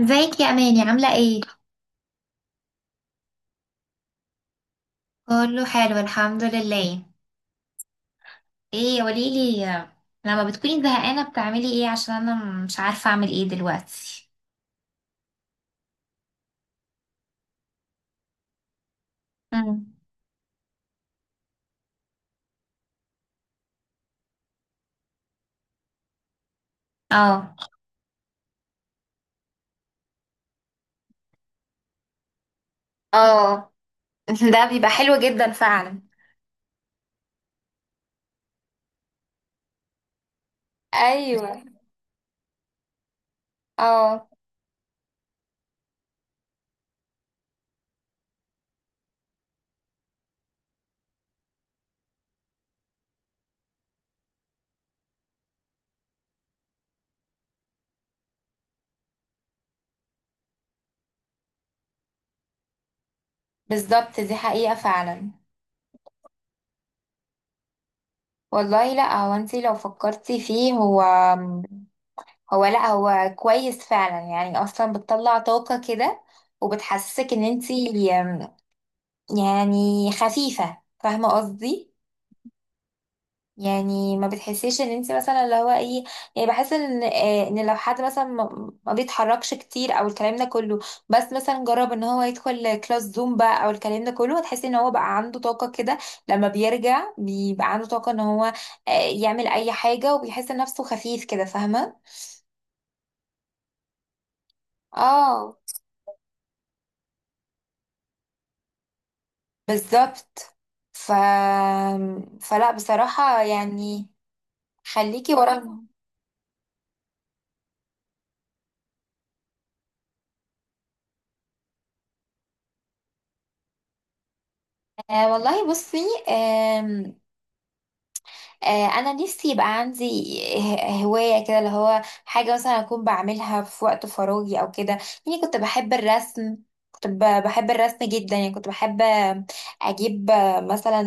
ازيك يا اماني، عامله ايه؟ كله حلو، الحمد لله. ايه، قوليلي، لما بتكوني زهقانه بتعملي ايه؟ عشان انا مش عارفه اعمل ايه دلوقتي. مم. اه، اه. ده بيبقى حلو جدا فعلا. ايوه. اه. بالظبط، دي حقيقة فعلا. والله، لا هو انتي لو فكرتي فيه، هو لا هو كويس فعلا، يعني اصلا بتطلع طاقة كده، وبتحسسك ان انتي يعني خفيفة، فاهمة قصدي؟ يعني ما بتحسيش ان انت مثلا اللي هو ايه، يعني بحس ان ان لو حد مثلا ما بيتحركش كتير او الكلام ده كله، بس مثلا جرب ان هو يدخل كلاس زومبا او الكلام ده كله، هتحسي ان هو بقى عنده طاقة كده. لما بيرجع بيبقى عنده طاقة ان هو يعمل اي حاجة، وبيحس نفسه خفيف كده، فاهمة؟ اه. بالظبط. ف فلا، بصراحة، يعني، خليكي ورا. آه والله بصي. آم، انا نفسي يبقى عندي هوايه كده، اللي هو حاجه مثلا اكون بعملها في وقت فراغي او كده. يعني كنت بحب الرسم، كنت بحب الرسم جدا، يعني كنت بحب اجيب مثلا،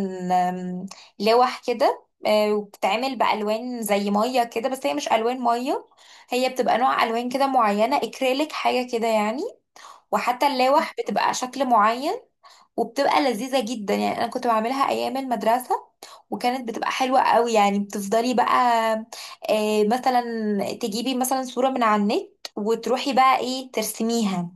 آم، لوح كده، وبتتعمل بالوان زي ميه كده، بس هي مش الوان ميه، هي بتبقى نوع الوان كده معينه، اكريليك حاجه كده يعني. وحتى اللوح بتبقى شكل معين، وبتبقى لذيذة جدا. يعني انا كنت بعملها ايام المدرسة، وكانت بتبقى حلوة قوي. يعني بتفضلي بقى، مثلا، تجيبي مثلا صورة من على النت، وتروحي بقى ايه ترسميها.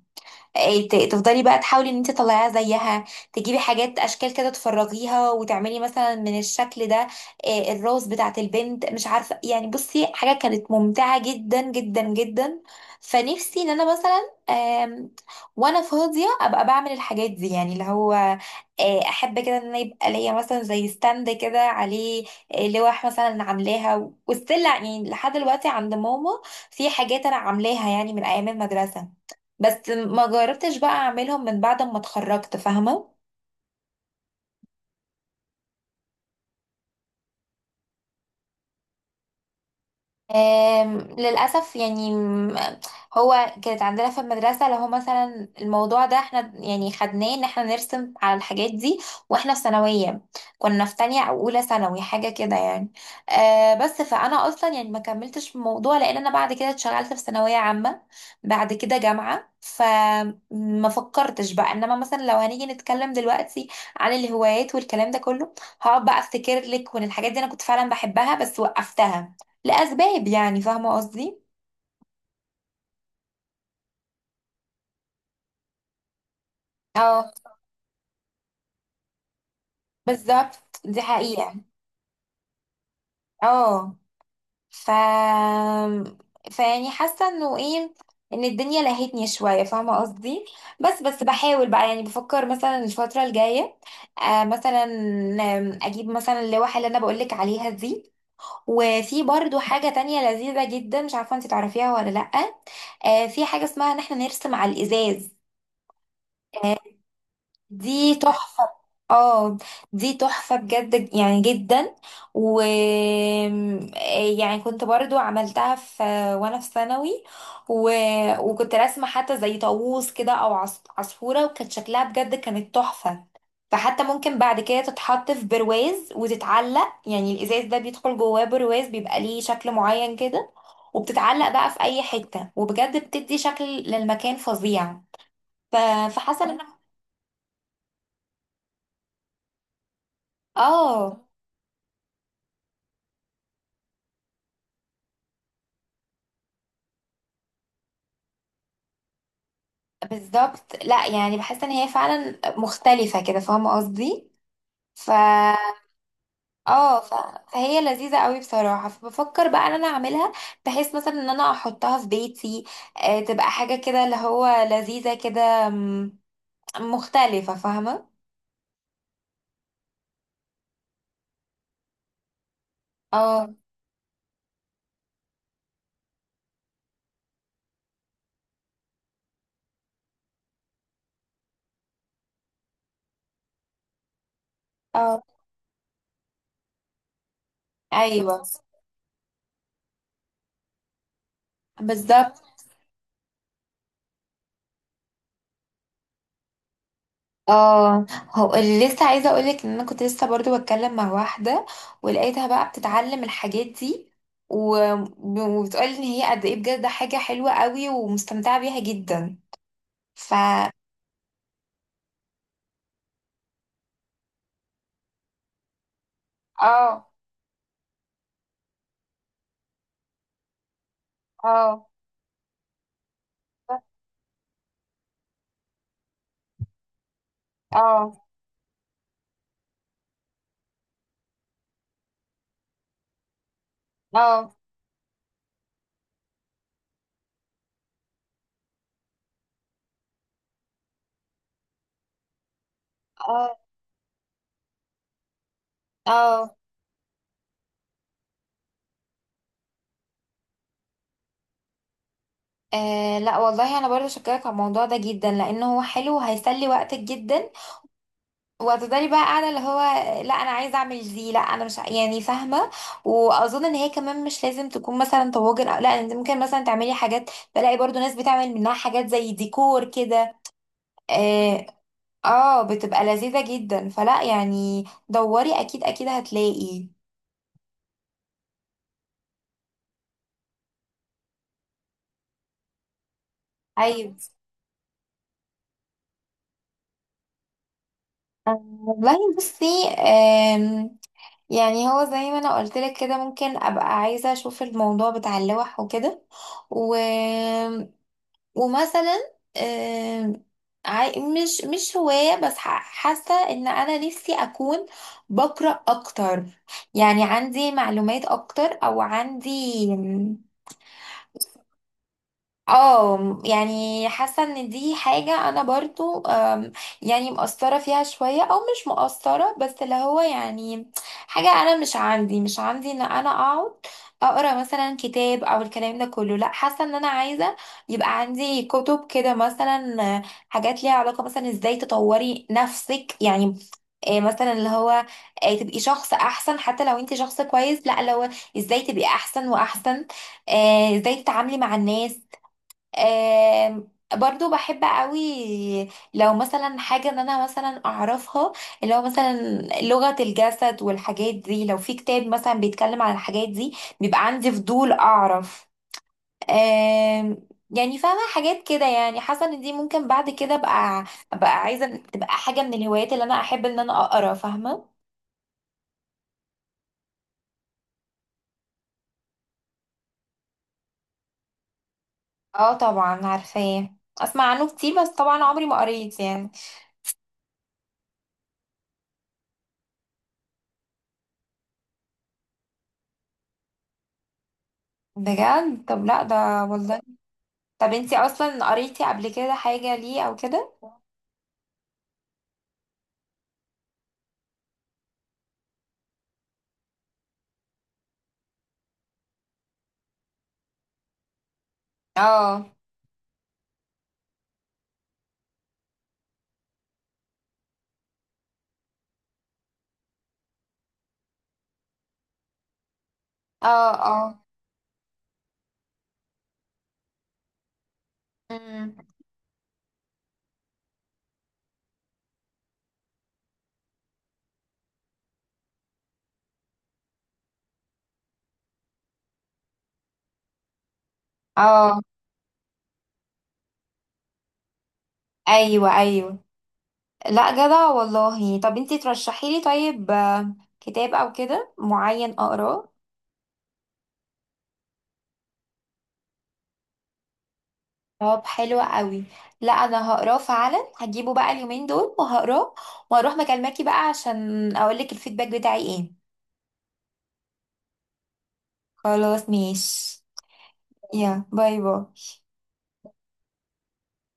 إيه، تفضلي بقى تحاولي ان انت تطلعيها زيها، تجيبي حاجات اشكال كده تفرغيها، وتعملي مثلا من الشكل ده إيه، الروز بتاعت البنت، مش عارفه. يعني بصي، حاجه كانت ممتعه جدا جدا جدا. فنفسي ان انا مثلا، وانا فاضيه، ابقى بعمل الحاجات دي، يعني اللي هو احب كده ان انا يبقى ليا مثلا زي ستاند كده عليه لوح مثلا. عاملاها وستيل يعني لحد دلوقتي عند ماما. في حاجات انا عاملاها يعني من ايام المدرسه، بس ما جربتش بقى اعملهم من بعد ما اتخرجت، فاهمة؟ للأسف يعني، هو كانت عندنا في المدرسة، لو هو مثلا الموضوع ده احنا يعني خدناه ان احنا نرسم على الحاجات دي، واحنا في ثانوية، كنا في تانية او اولى ثانوي حاجة كده يعني. آه، بس فانا اصلا يعني ما كملتش في الموضوع، لان انا بعد كده اتشغلت في ثانوية عامة، بعد كده جامعة، فما فكرتش بقى. انما مثلا لو هنيجي نتكلم دلوقتي عن الهوايات والكلام ده كله، هقعد بقى افتكر لك، وان الحاجات دي انا كنت فعلا بحبها، بس وقفتها لأسباب، يعني، فاهمة قصدي؟ اه. بالظبط، دي حقيقة. اه. ف فيعني حاسة انه ايه، ان الدنيا لهتني شوية، فاهمة قصدي؟ بس بحاول بقى، يعني بفكر مثلا الفترة الجاية، آه مثلا، اجيب مثلا اللوحة اللي انا بقولك عليها دي. وفي برضو حاجة تانية لذيذة جدا، مش عارفة انت تعرفيها ولا لأ، آه، في حاجة اسمها ان احنا نرسم على الازاز. دي تحفة. اه. دي تحفة بجد، يعني جدا. و يعني كنت برضو عملتها في، وانا في ثانوي و... وكنت راسمة حتى زي طاووس كده، او عصفورة، وكانت شكلها بجد كانت تحفة. فحتى ممكن بعد كده تتحط في برواز وتتعلق، يعني الازاز ده بيدخل جواه برواز بيبقى ليه شكل معين كده، وبتتعلق بقى في اي حتة، وبجد بتدي شكل للمكان فظيع. ف... فحاسة ان أنا. اه. بالظبط، لا يعني بحس ان هي فعلا مختلفة كده، فاهمة قصدي؟ ف اه. فهي لذيذة قوي بصراحة، فبفكر بقى ان انا اعملها، بحيث مثلا ان انا احطها في بيتي. آه، تبقى حاجة كده اللي هو لذيذة كده، مختلفة، فاهمة؟ اه. اه. ايوه. بالظبط. اه. هو اللي لسه عايزه اقولك، ان انا كنت لسه برضو بتكلم مع واحده، ولقيتها بقى بتتعلم الحاجات دي، و- وبتقولي ان هي قد ايه بجد ده حاجه حلوه قوي، ومستمتعه بيها جدا. ف اه. اه. اه. اه. اه. اه. لا والله انا برضه شكرك على الموضوع ده جدا، لانه هو حلو، وهيسلي وقتك جدا. وهتفضلي بقى قاعده، اللي هو لا انا عايزه اعمل دي، لا انا مش. يعني فاهمه. واظن ان هي كمان مش لازم تكون مثلا طواجن او، لا انت ممكن مثلا تعملي حاجات، بلاقي برضو ناس بتعمل منها حاجات زي ديكور كده. اه. آه، بتبقى لذيذه جدا، فلا يعني دوري، اكيد اكيد هتلاقي. ايوه. والله بصي، آم، يعني هو زي ما انا قلت لك كده، ممكن ابقى عايزه اشوف الموضوع بتاع اللوح وكده و... ومثلا مش هواية، بس حاسة ان انا نفسي اكون بقرأ اكتر، يعني عندي معلومات اكتر، او عندي. اه، يعني حاسه ان دي حاجه انا برضو، يعني مقصره فيها شويه، او مش مقصره، بس اللي هو يعني حاجه انا مش عندي ان انا اقعد اقرا مثلا كتاب او الكلام ده كله. لا حاسه ان انا عايزه يبقى عندي كتب كده مثلا، حاجات ليها علاقه مثلا ازاي تطوري نفسك يعني، مثلا اللي هو تبقي شخص احسن، حتى لو انت شخص كويس، لا اللي هو ازاي تبقي احسن واحسن. ازاي تتعاملي مع الناس. آم، برضو بحب قوي لو مثلا حاجة ان انا مثلا اعرفها، اللي هو مثلا لغة الجسد والحاجات دي. لو في كتاب مثلا بيتكلم عن الحاجات دي، بيبقى عندي فضول اعرف. يعني فاهمة، حاجات كده. يعني حاسة ان دي ممكن بعد كده ابقى عايزة تبقى حاجة من الهوايات اللي انا احب ان انا اقرا، فاهمة؟ اه، طبعا عارفاه، اسمع عنه كتير، بس طبعا عمري ما قريت يعني. بجد؟ طب لا ده والله. طب انتي اصلا قريتي قبل كده حاجة ليه او كده؟ اه. اه. اه. امم. اه. ايوه، ايوه. لا جدع والله. طب انتي ترشحي لي طيب كتاب او كده معين اقراه؟ طب حلو قوي. لا انا هقراه فعلا، هجيبه بقى اليومين دول وهقراه، واروح مكالماكي بقى عشان اقولك الفيدباك بتاعي ايه. خلاص ماشي. يا باي باي.